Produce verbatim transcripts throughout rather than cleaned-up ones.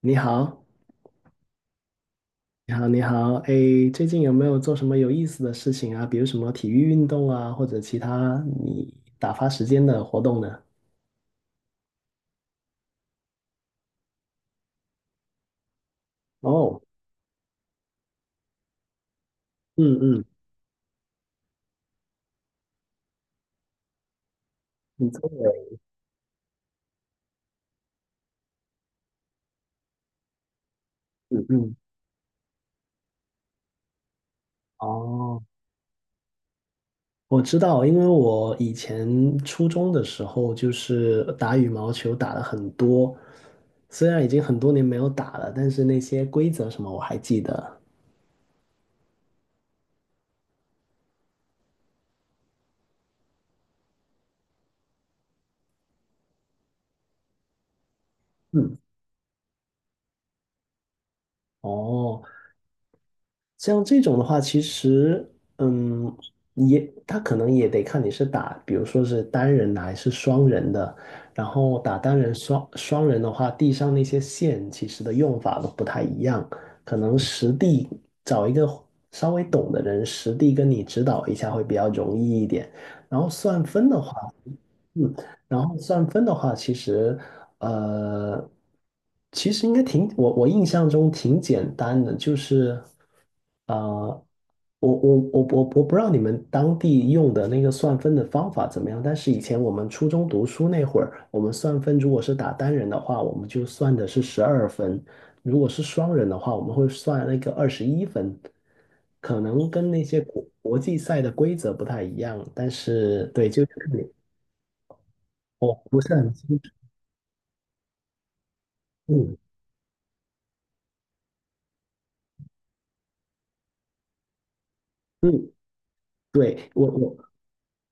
你好，你好，你好，哎，最近有没有做什么有意思的事情啊？比如什么体育运动啊，或者其他你打发时间的活动呢？哦，嗯嗯，你做的，嗯嗯，哦，我知道，因为我以前初中的时候就是打羽毛球打了很多，虽然已经很多年没有打了，但是那些规则什么我还记得。嗯，哦，像这种的话，其实，嗯，也他可能也得看你是打，比如说是单人的还是双人的。然后打单人双双人的话，地上那些线其实的用法都不太一样，可能实地找一个稍微懂的人实地跟你指导一下会比较容易一点。然后算分的话，嗯，然后算分的话，其实，呃，其实应该挺，我我印象中挺简单的，就是，呃，我我我我我不知道你们当地用的那个算分的方法怎么样，但是以前我们初中读书那会儿，我们算分如果是打单人的话，我们就算的是十二分；如果是双人的话，我们会算那个二十一分。可能跟那些国国际赛的规则不太一样，但是对，就是看你。我不是很清嗯嗯，对，我我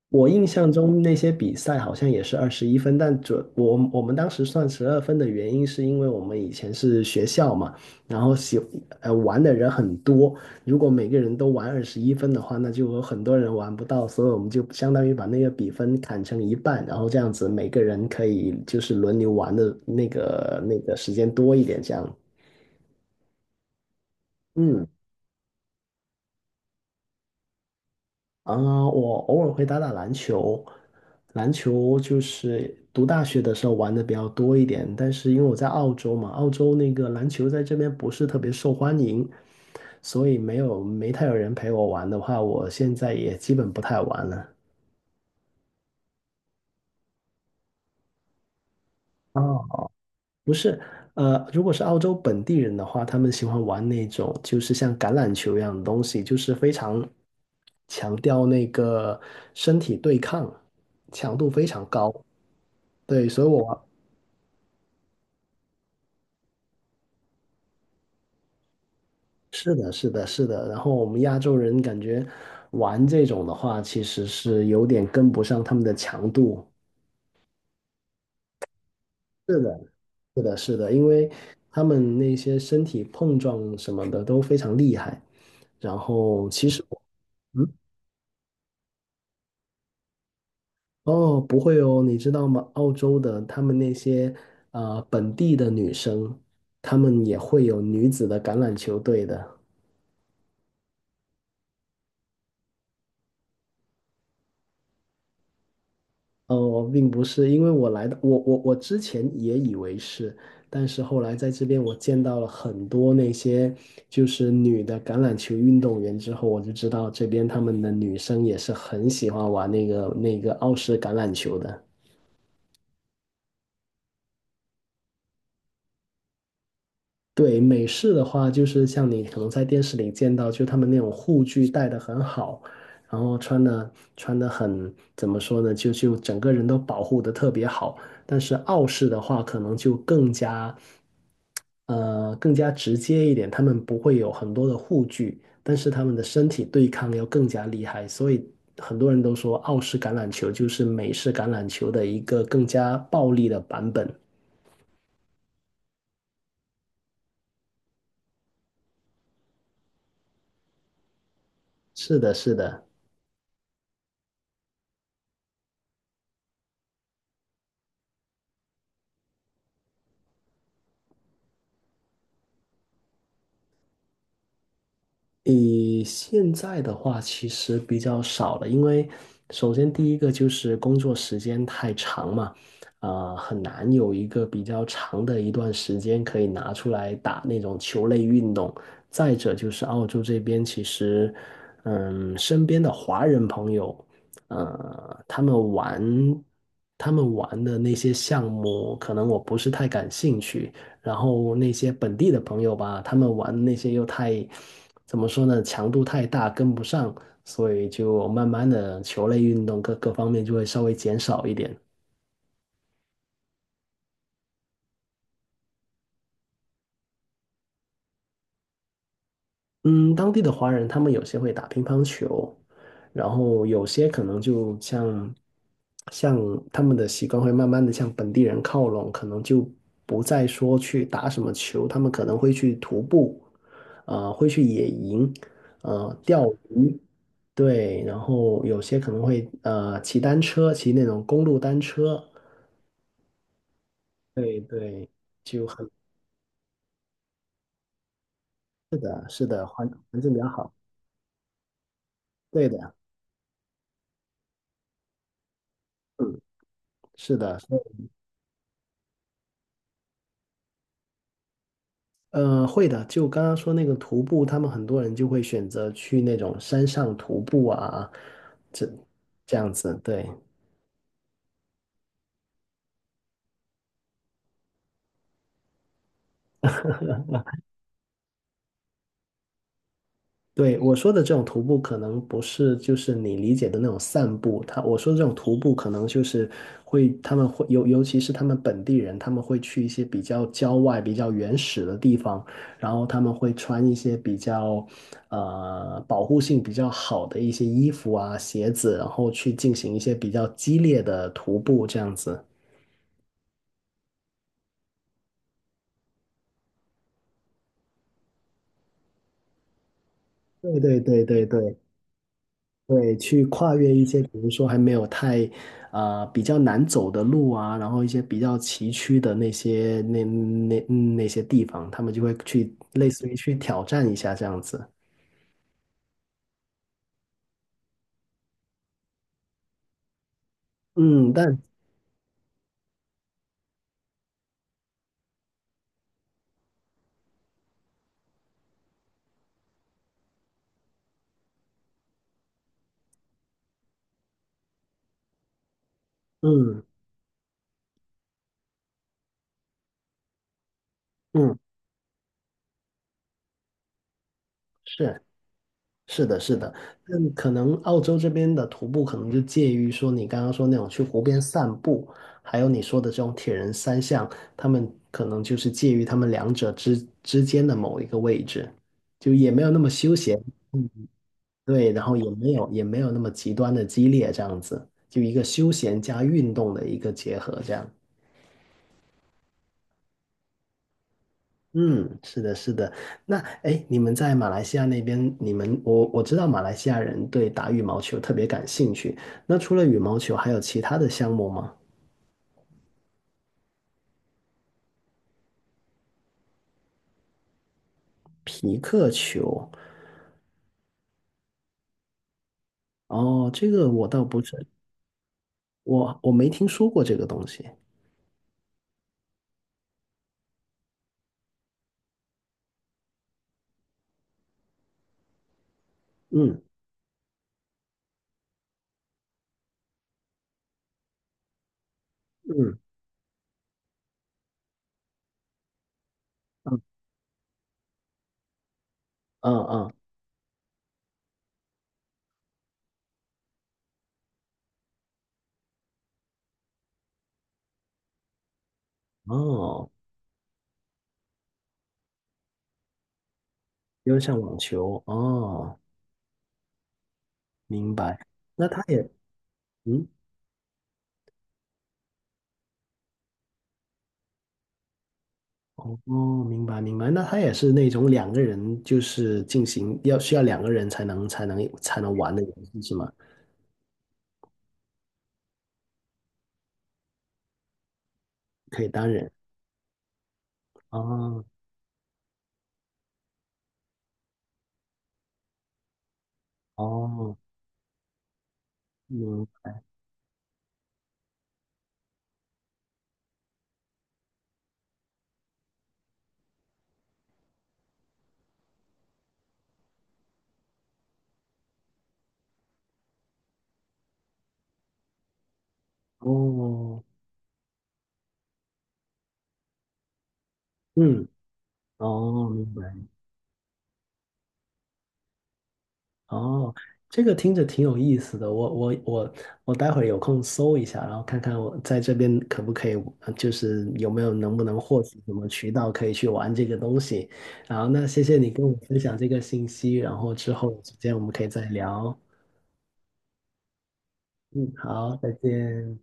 我印象中那些比赛好像也是二十一分，但准我我们当时算十二分的原因是因为我们以前是学校嘛，然后喜呃玩的人很多，如果每个人都玩二十一分的话，那就有很多人玩不到，所以我们就相当于把那个比分砍成一半，然后这样子每个人可以就是轮流玩的那个那个时间多一点，这样。嗯啊，我偶尔会打打篮球，篮球就是读大学的时候玩的比较多一点，但是因为我在澳洲嘛，澳洲那个篮球在这边不是特别受欢迎，所以没有没太有人陪我玩的话，我现在也基本不太玩了。哦，不是，呃，如果是澳洲本地人的话，他们喜欢玩那种就是像橄榄球一样的东西，就是非常强调那个身体对抗，强度非常高。对，所以我是的，是的，是的。然后我们亚洲人感觉玩这种的话，其实是有点跟不上他们的强度。是的，是的，是的，因为他们那些身体碰撞什么的都非常厉害。然后其实我嗯，哦，不会哦，你知道吗？澳洲的他们那些呃本地的女生，她们也会有女子的橄榄球队的。呃，我并不是，因为我来的，我我我之前也以为是，但是后来在这边我见到了很多那些就是女的橄榄球运动员之后，我就知道这边他们的女生也是很喜欢玩那个那个澳式橄榄球的。对，美式的话，就是像你可能在电视里见到，就他们那种护具戴的很好，然后穿的穿的很，怎么说呢，就就整个人都保护的特别好。但是澳式的话，可能就更加，呃，更加直接一点，他们不会有很多的护具，但是他们的身体对抗要更加厉害，所以很多人都说澳式橄榄球就是美式橄榄球的一个更加暴力的版本。是的，是的。以现在的话，其实比较少了，因为首先第一个就是工作时间太长嘛，啊、很难有一个比较长的一段时间可以拿出来打那种球类运动。再者就是澳洲这边，其实，嗯，身边的华人朋友，呃，他们玩他们玩的那些项目，可能我不是太感兴趣。然后那些本地的朋友吧，他们玩那些又太，怎么说呢，强度太大，跟不上，所以就慢慢的球类运动各各方面就会稍微减少一点。嗯，当地的华人他们有些会打乒乓球，然后有些可能就像像他们的习惯会慢慢的向本地人靠拢，可能就不再说去打什么球，他们可能会去徒步，呃，会去野营，呃，钓鱼，对，然后有些可能会呃骑单车，骑那种公路单车，对对，就很是的，是的，环环境比较好，对的，嗯，是的。呃，会的。就刚刚说那个徒步，他们很多人就会选择去那种山上徒步啊，这这样子。对，对，我说的这种徒步，可能不是就是你理解的那种散步。他我说的这种徒步，可能就是会他们会尤尤其是他们本地人，他们会去一些比较郊外、比较原始的地方，然后他们会穿一些比较呃保护性比较好的一些衣服啊、鞋子，然后去进行一些比较激烈的徒步，这样子。对对对对对。对，去跨越一些，比如说还没有太，呃，比较难走的路啊，然后一些比较崎岖的那些那那那些地方，他们就会去类似于去挑战一下这样子。嗯，但嗯嗯，是是的，是的，那可能澳洲这边的徒步可能就介于说你刚刚说那种去湖边散步，还有你说的这种铁人三项，他们可能就是介于他们两者之之间的某一个位置，就也没有那么休闲。嗯对，然后也没有也没有那么极端的激烈，这样子，就一个休闲加运动的一个结合，这样。嗯，是的，是的。那哎，诶你们在马来西亚那边，你们我我知道马来西亚人对打羽毛球特别感兴趣。那除了羽毛球，还有其他的项目吗？皮克球，哦，这个我倒不是，我我没听说过这个东西。嗯嗯嗯嗯嗯，哦，有点像网球，哦，明白。那它也。嗯。哦，明白明白，那它也是那种两个人就是进行要需要两个人才能才能才能玩的游戏是吗？可以单人哦哦，嗯，哦，嗯，哦，明白，哦，这个听着挺有意思的，我我我我待会儿有空搜一下，然后看看我在这边可不可以，呃就是有没有能不能获取什么渠道可以去玩这个东西。然后那谢谢你跟我分享这个信息，然后之后有时间我们可以再聊。嗯，好，再见。